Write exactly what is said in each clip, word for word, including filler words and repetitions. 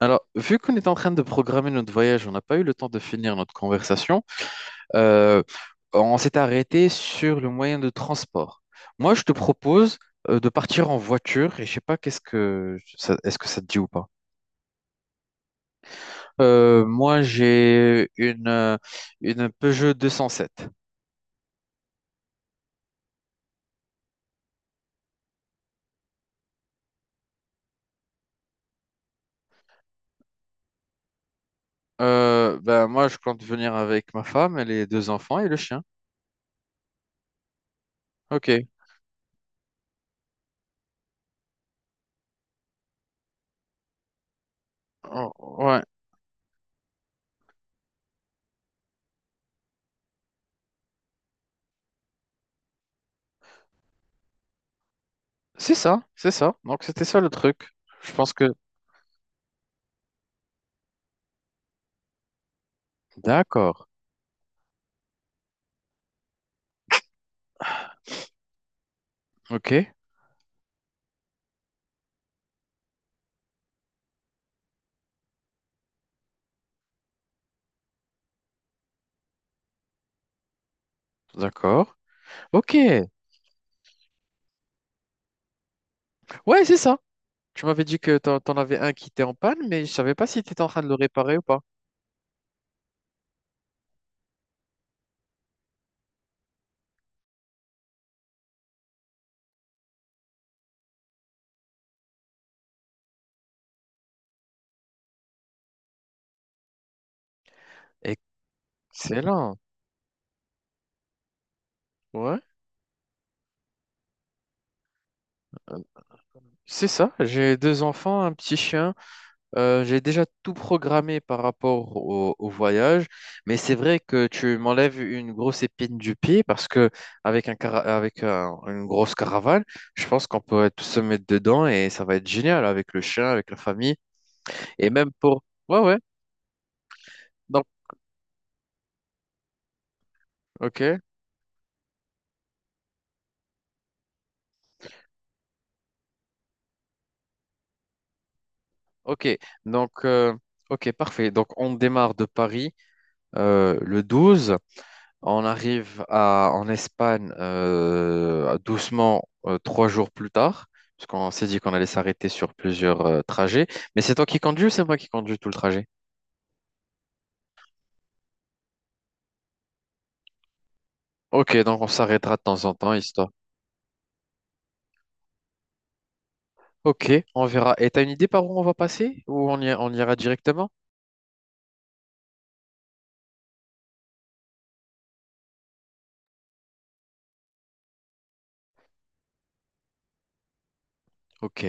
Alors, vu qu'on est en train de programmer notre voyage, on n'a pas eu le temps de finir notre conversation. euh, on s'est arrêté sur le moyen de transport. Moi, je te propose euh, de partir en voiture et je sais pas qu'est-ce que ça- est-ce que ça te dit ou pas. Euh, moi, j'ai une euh, une Peugeot deux cent sept. Euh, ben moi, je compte venir avec ma femme et les deux enfants et le chien. Ok. Oh, ouais. C'est ça, c'est ça. Donc c'était ça le truc. Je pense que. D'accord. Ok. D'accord. Ok, ouais, c'est ça. Tu m'avais dit que t'en, t'en avais un qui était en panne, mais je savais pas si t'étais en train de le réparer ou pas. Excellent. Ouais, Euh, c'est ça. J'ai deux enfants, un petit chien. Euh, j'ai déjà tout programmé par rapport au, au voyage, mais c'est vrai que tu m'enlèves une grosse épine du pied parce que avec un cara- avec un- une grosse caravane, je pense qu'on peut tous se mettre dedans et ça va être génial avec le chien, avec la famille et même pour. Ouais, ouais. Donc, ok. Ok, donc, euh, ok, parfait. Donc, on démarre de Paris euh, le douze. On arrive à, en Espagne euh, doucement euh, trois jours plus tard, parce qu'on s'est dit qu'on allait s'arrêter sur plusieurs euh, trajets. Mais c'est toi qui conduis ou c'est moi qui conduis tout le trajet? Ok, donc on s'arrêtera de temps en temps, histoire. Ok, on verra. Et t'as une idée par où on va passer? Ou on y- on ira directement? Ok,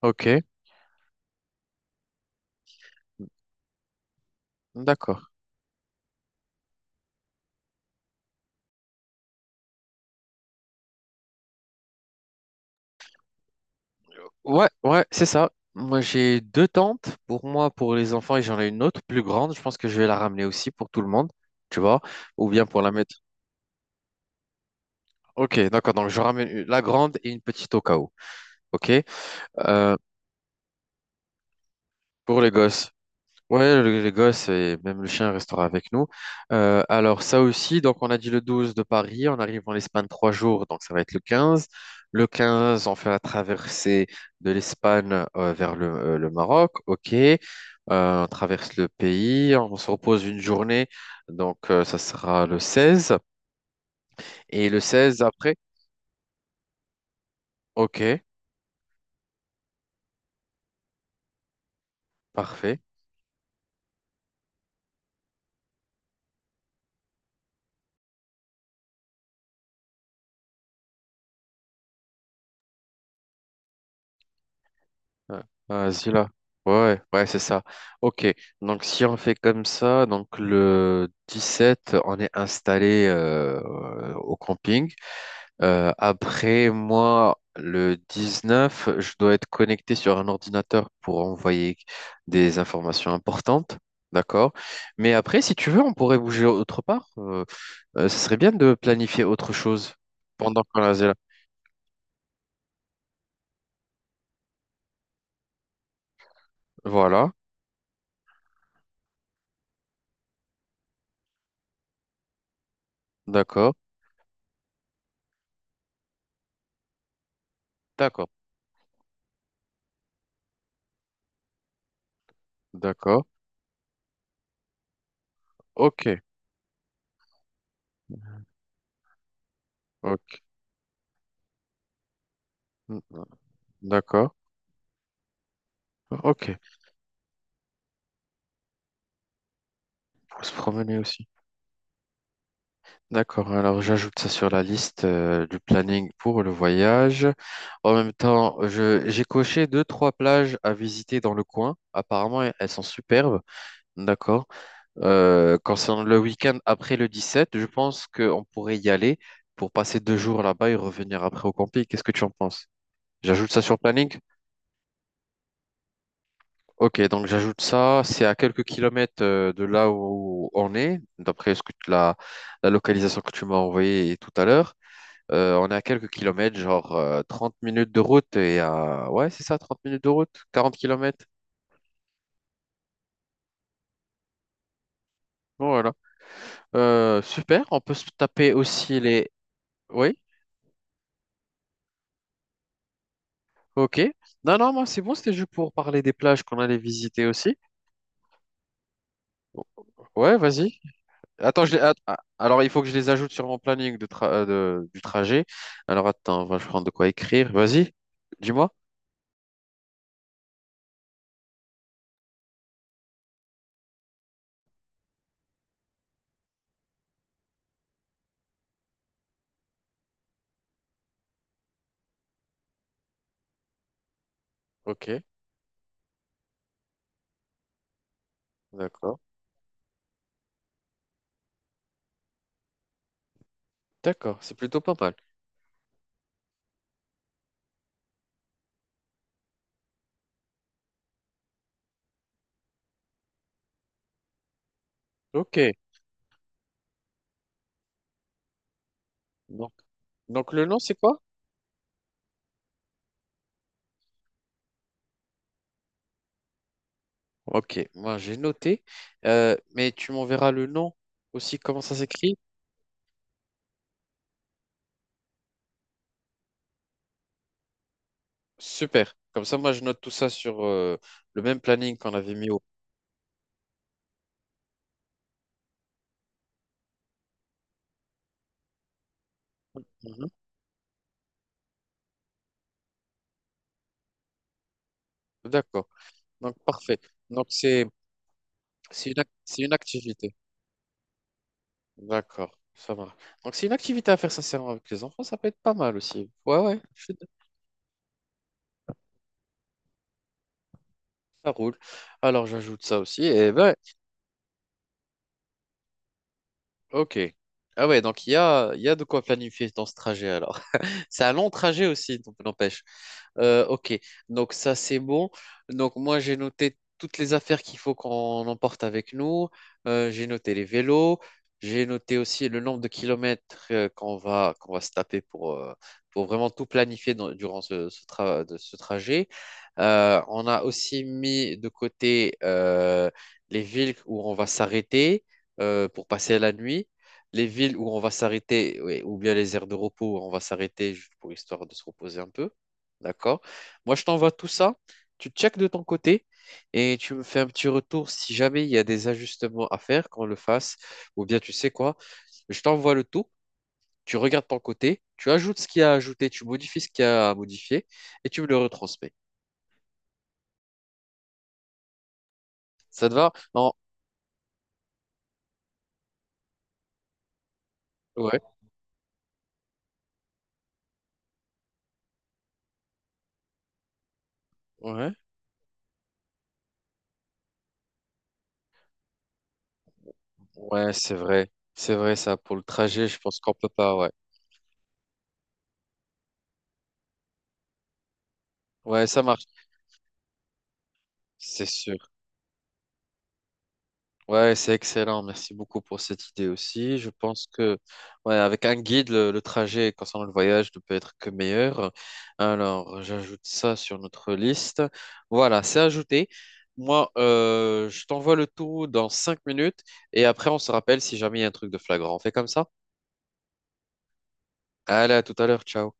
ok, d'accord. Ouais, ouais, c'est ça. Moi, j'ai deux tentes pour moi, pour les enfants, et j'en ai une autre plus grande. Je pense que je vais la ramener aussi pour tout le monde, tu vois, ou bien pour la mettre. Ok, d'accord. Donc, je ramène une- la grande et une petite au cas où. Ok. Euh, pour les gosses. Ouais, le- les gosses et même le chien restera avec nous. Euh, alors ça aussi, donc on a dit le douze de Paris, on arrive en Espagne trois jours, donc ça va être le quinze. Le quinze, on fait la traversée de l'Espagne euh, vers le, euh, le Maroc, ok. Euh, on traverse le pays, on se repose une journée, donc euh, ça sera le seize. Et le seize après, ok, parfait. Ouais. Ah, Vas-y là. Ouais, ouais, Ouais, c'est ça. Ok, donc si on fait comme ça, donc le dix sept on est installé euh, au camping. Euh, après, moi, le dix neuf je dois être connecté sur un ordinateur pour envoyer des informations importantes. D'accord. Mais après, si tu veux, on pourrait bouger autre part. Euh, euh, ce serait bien de planifier autre chose pendant qu'on est là. Voilà. D'accord. D'accord. D'accord. Ok. Ok. D'accord. Ok. Pour se promener aussi. D'accord. Alors, j'ajoute ça sur la liste euh, du planning pour le voyage. En même temps, je, j'ai coché deux, trois plages à visiter dans le coin. Apparemment, elles elles sont superbes. D'accord. Euh, concernant le week-end après le dix-sept, je pense qu'on pourrait y aller pour passer deux jours là-bas et revenir après au camping. Qu'est-ce que tu en penses? J'ajoute ça sur le planning? Ok, donc j'ajoute ça, c'est à quelques kilomètres euh, de là où on est, d'après ce que tu- la, la localisation que tu m'as envoyée tout à l'heure. Euh, on est à quelques kilomètres, genre euh, trente minutes de route et à... Ouais, c'est ça, trente minutes de route, quarante kilomètres. Bon, Voilà. Euh, super, on peut se taper aussi les... Oui, ok. Non, non, moi c'est bon, c'était juste pour parler des plages qu'on allait visiter aussi. Ouais, vas-y. Attends, je les- att- ah, alors il faut que je les ajoute sur mon planning de tra- euh, de- du trajet. Alors attends, on va prendre de quoi écrire. Vas-y, dis-moi. Ok, d'accord. D'accord, c'est plutôt pas mal. Ok, donc, donc le nom, c'est quoi? Ok, moi j'ai noté, Euh, mais tu m'enverras le nom aussi, comment ça s'écrit? Super. Comme ça, moi je note tout ça sur euh, le même planning qu'on avait mis au. Mhm. D'accord, donc parfait. Donc c'est c'est une, ac- c'est une activité. D'accord, ça marche. Donc, c'est une activité à faire sincèrement avec les enfants, ça peut être pas mal aussi. Ouais, ouais, je suis d'accord, ça roule. Alors, j'ajoute ça aussi. Et ben, ok. Ah ouais, donc il y a, il y a de quoi planifier dans ce trajet alors. C'est un long trajet aussi, donc n'empêche. Euh, ok, donc ça c'est bon. Donc moi j'ai noté toutes les affaires qu'il faut qu'on emporte avec nous. Euh, j'ai noté les vélos, j'ai noté aussi le nombre de kilomètres euh, qu'on va, qu'on va se taper pour, euh, pour vraiment tout planifier dans- durant ce, ce tra- de ce trajet. Euh, on a aussi mis de côté euh, les villes où on va s'arrêter euh, pour passer la nuit. Les villes où on va s'arrêter, ouais, ou bien les aires de repos où on va s'arrêter juste pour histoire de se reposer un peu. D'accord? Moi, je t'envoie tout ça. Tu checkes de ton côté et tu me fais un petit retour si jamais il y a des ajustements à faire, qu'on le fasse. Ou bien, tu sais quoi? Je t'envoie le tout. Tu regardes ton côté. Tu ajoutes ce qu'il y a à ajouter. Tu modifies ce qu'il y a à modifier et tu me le retransmets. Ça te va? Non. Ouais. Ouais. Ouais, c'est vrai. C'est vrai, ça. Pour le trajet, je pense qu'on peut pas. Ouais. Ouais, ça marche. C'est sûr. Ouais, c'est excellent. Merci beaucoup pour cette idée aussi. Je pense que, ouais, avec un guide, le, le trajet concernant le voyage ne peut être que meilleur. Alors, j'ajoute ça sur notre liste. Voilà, c'est ajouté. Moi, euh, je t'envoie le tout dans cinq minutes et après, on se rappelle si jamais il y a un truc de flagrant. On fait comme ça? Allez, à tout à l'heure. Ciao.